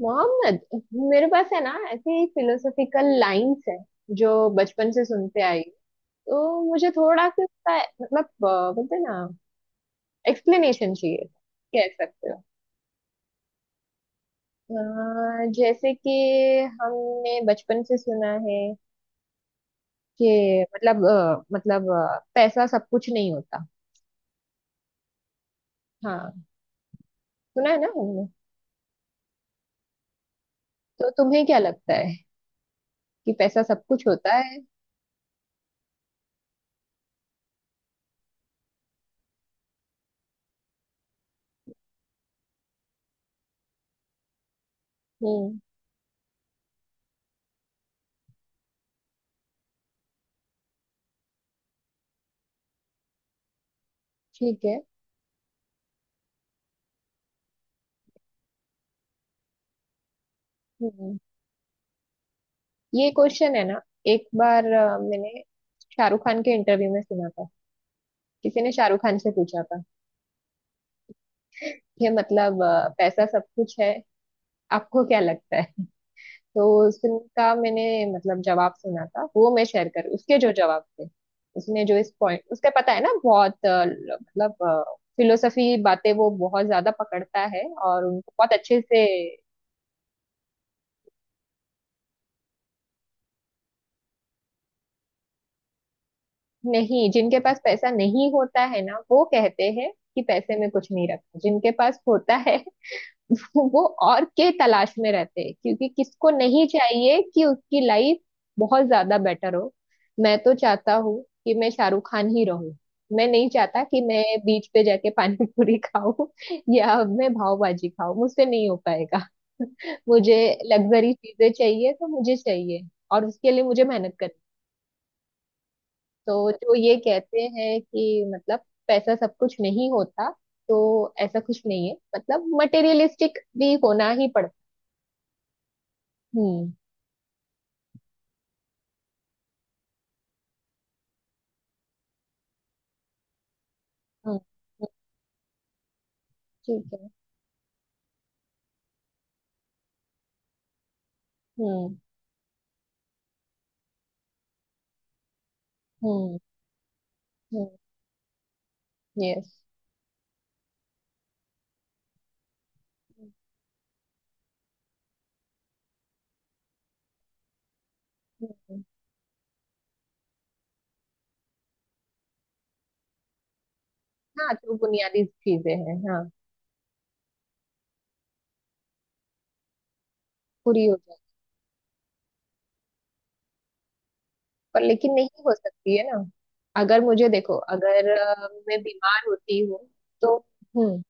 मोहम्मद, मेरे पास है ना ऐसी फिलोसॉफिकल लाइंस है जो बचपन से सुनते आई। तो मुझे थोड़ा सा उसका, मतलब बोलते हैं ना, एक्सप्लेनेशन चाहिए, कह सकते हो। जैसे कि हमने बचपन से सुना है कि मतलब पैसा सब कुछ नहीं होता। हाँ, सुना है ना हमने। तो तुम्हें क्या लगता है कि पैसा सब कुछ होता है? हम्म। ठीक है। हम्म। ये क्वेश्चन है ना। एक बार मैंने शाहरुख खान के इंटरव्यू में सुना था। किसी ने शाहरुख खान से पूछा था, ये मतलब पैसा सब कुछ है, आपको क्या लगता है? तो उसका मैंने मतलब जवाब सुना था, वो मैं शेयर कर, उसके जो जवाब थे। उसने जो इस पॉइंट, उसका पता है ना, बहुत मतलब फिलोसफी बातें वो बहुत ज्यादा पकड़ता है और उनको बहुत अच्छे से। नहीं, जिनके पास पैसा नहीं होता है ना, वो कहते हैं कि पैसे में कुछ नहीं रखा। जिनके पास होता है, वो और के तलाश में रहते हैं, क्योंकि किसको नहीं चाहिए कि उसकी लाइफ बहुत ज्यादा बेटर हो। मैं तो चाहता हूँ कि मैं शाहरुख खान ही रहूं। मैं नहीं चाहता कि मैं बीच पे जाके पानी पूरी खाऊं या मैं पावभाजी खाऊं, मुझसे नहीं हो पाएगा। मुझे लग्जरी चीजें चाहिए तो मुझे चाहिए, और उसके लिए मुझे मेहनत करनी। तो जो ये कहते हैं कि मतलब पैसा सब कुछ नहीं होता, तो ऐसा कुछ नहीं है, मतलब मटेरियलिस्टिक भी होना ही पड़ता। हम्म, हम्म, हम्म। ठीक है। हम्म, हम्म, हम्म। यस। हाँ, जो बुनियादी चीजें हैं, हाँ। पूरी हो जाए। पर लेकिन नहीं हो सकती है ना। अगर मुझे देखो, अगर मैं बीमार होती हूँ तो। हम्म,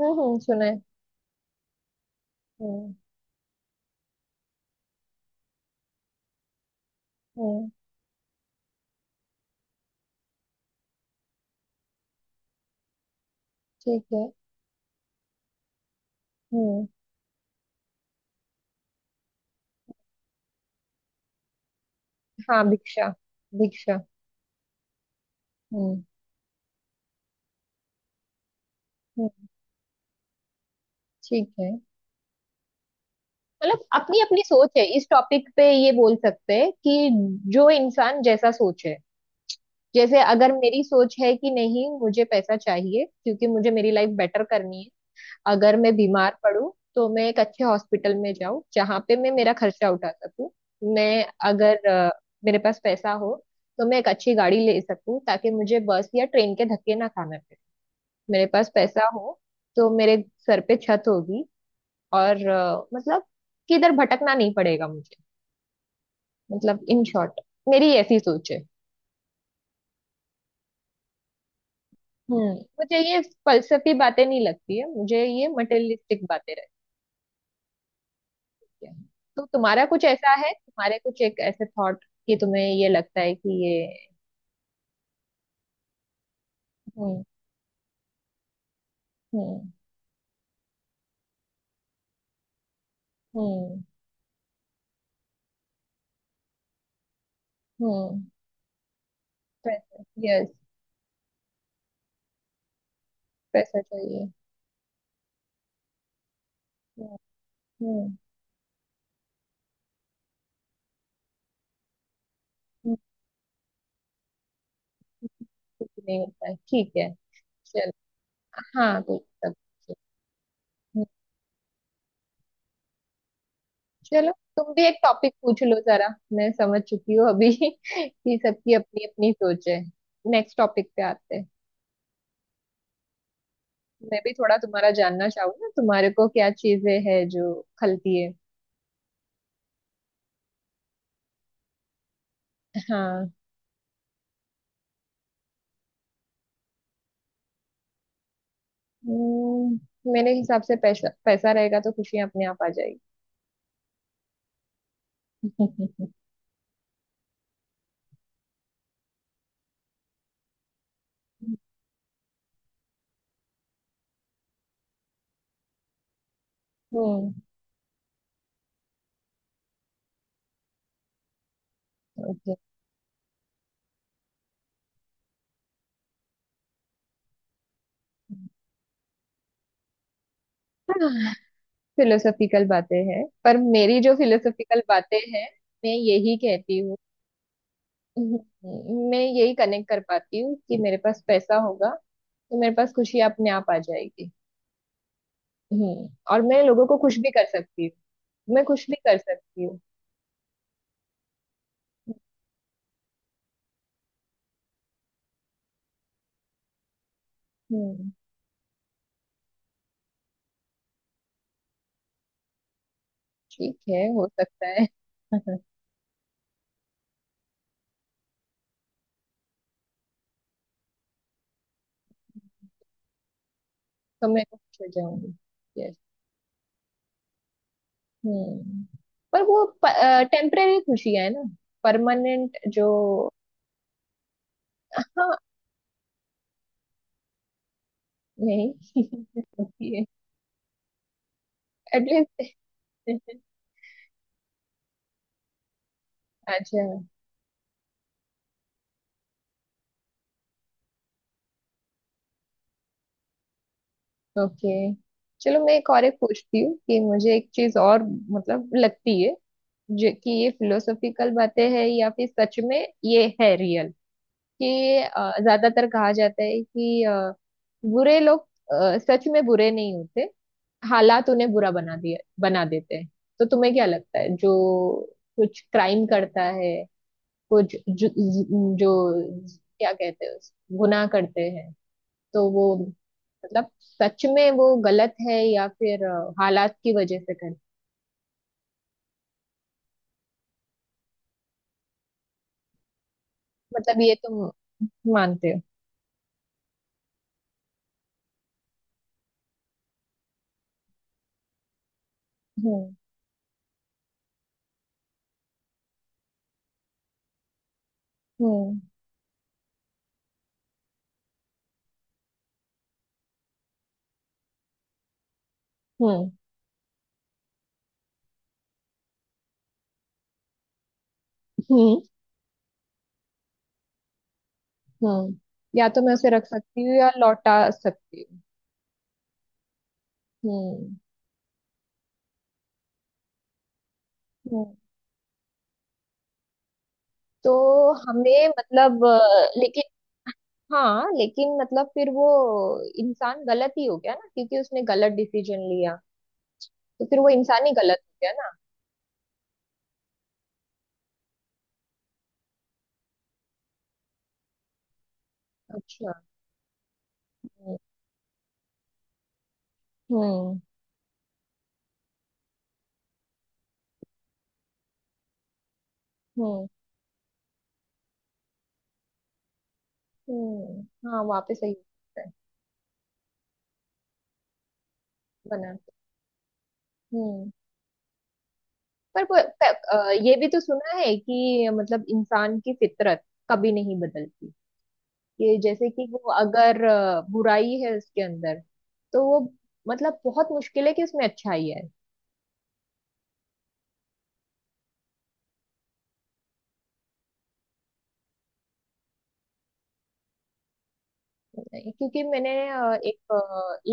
हम्म, सुना है। हम्म, हम्म। ठीक है। हम्म। हाँ, भिक्षा, भिक्षा। हम्म, हम्म। ठीक है। मतलब अपनी अपनी सोच है इस टॉपिक पे, ये बोल सकते हैं कि जो इंसान जैसा सोचे। जैसे अगर मेरी सोच है कि नहीं, मुझे पैसा चाहिए, क्योंकि मुझे मेरी लाइफ बेटर करनी है। अगर मैं बीमार पड़ूं तो मैं एक अच्छे हॉस्पिटल में जाऊं जहां पे मैं मेरा खर्चा उठा सकूं। मैं, अगर मेरे पास पैसा हो तो मैं एक अच्छी गाड़ी ले सकूं, ताकि मुझे बस या ट्रेन के धक्के ना खाना पड़े। मेरे पास पैसा हो तो मेरे सर पे छत होगी, और मतलब किधर भटकना नहीं पड़ेगा मुझे। मतलब इन शॉर्ट, मेरी ऐसी सोच है। हम्म। मुझे ये फलसफी बातें नहीं लगती है, मुझे ये मटेरियलिस्टिक बातें लगती है। तो तुम्हारा कुछ ऐसा है, तुम्हारे कुछ एक ऐसे थॉट, कि तुम्हें ये लगता है कि ये। हम्म, हम्म, हम्म, हम्म। पैसा, यस। पैसा चाहिए। हम्म, हम्म, हम्म, कुछ नहीं होता है, ठीक है। चलो। हाँ, कुछ सब। ठीक। हम्म, चलो। तुम भी एक टॉपिक पूछ लो जरा, मैं समझ चुकी हूँ अभी कि सबकी अपनी अपनी सोच है। नेक्स्ट टॉपिक पे आते हैं। मैं भी थोड़ा तुम्हारा जानना चाहूँ ना, तुम्हारे को क्या चीजें हैं जो खलती है? हाँ। मेरे हिसाब से पैसा पैसा रहेगा तो खुशियां अपने आप आ जाएगी। हम्म। ओके, फिलोसॉफिकल बातें हैं, पर मेरी जो फिलोसॉफिकल बातें हैं, मैं यही कहती हूँ। हम्म, मैं यही कनेक्ट कर पाती हूँ कि मेरे पास पैसा होगा तो मेरे पास खुशी अपने आप आ जाएगी। हम्म, और मैं लोगों को खुश भी कर सकती हूँ। मैं खुश भी कर सकती हूँ। हम्म, ठीक है, हो सकता है। तो मैं खुश हो जाऊंगी, यस। हम्म। पर वो टेम्परेरी खुशी है ना, परमानेंट जो। हाँ। नहीं। होती है। एटलीस्ट। अच्छा। ओके, चलो मैं एक और एक पूछती हूँ कि मुझे एक चीज और, मतलब लगती है, जो कि ये फिलोसॉफिकल बातें है या फिर सच में ये है रियल। कि ज्यादातर कहा जाता है कि बुरे लोग सच में बुरे नहीं होते, हालात उन्हें बुरा बना दिया बना देते हैं। तो तुम्हें क्या लगता है, जो कुछ क्राइम करता है, कुछ जो क्या कहते हैं उस गुनाह करते हैं, तो वो मतलब सच में वो गलत है या फिर हालात की वजह से कर। मतलब ये तुम मानते हो? हम्म, हम्म, हम्म, हम्म, हम्म। या तो मैं उसे रख सकती हूँ या लौटा सकती हूँ। हम्म, हम्म। तो हमें मतलब लेकिन। हाँ, लेकिन मतलब फिर वो इंसान गलत ही हो गया ना, क्योंकि उसने गलत डिसीजन लिया। तो फिर वो इंसान ही गलत हो गया ना। अच्छा, हम्म, हम्म, हम्म, हाँ, वापस सही होता है। बना के। हम्म। पर ये भी तो सुना है कि मतलब इंसान की फितरत कभी नहीं बदलती। ये जैसे कि वो अगर बुराई है उसके अंदर तो वो, मतलब, बहुत मुश्किल है कि उसमें अच्छाई है। नहीं, क्योंकि मैंने एक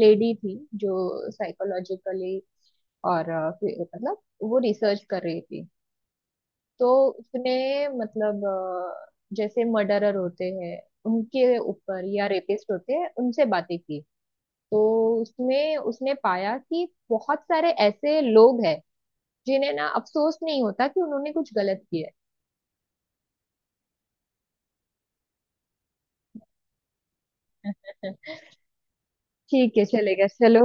लेडी थी, जो साइकोलॉजिकली और फिर मतलब वो रिसर्च कर रही थी, तो। उसने मतलब जैसे मर्डरर होते हैं उनके ऊपर, या रेपिस्ट होते हैं, उनसे बातें की। तो उसमें उसने पाया कि बहुत सारे ऐसे लोग हैं जिन्हें ना अफसोस नहीं होता कि उन्होंने कुछ गलत किया है। ठीक है, चलेगा, चलो।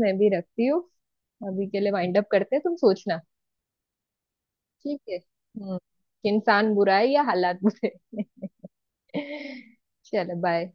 मैं भी रखती हूँ, अभी के लिए वाइंड अप करते हैं। तुम सोचना। ठीक है। हम्म, कि इंसान बुरा है या हालात बुरे हैं। चलो, बाय।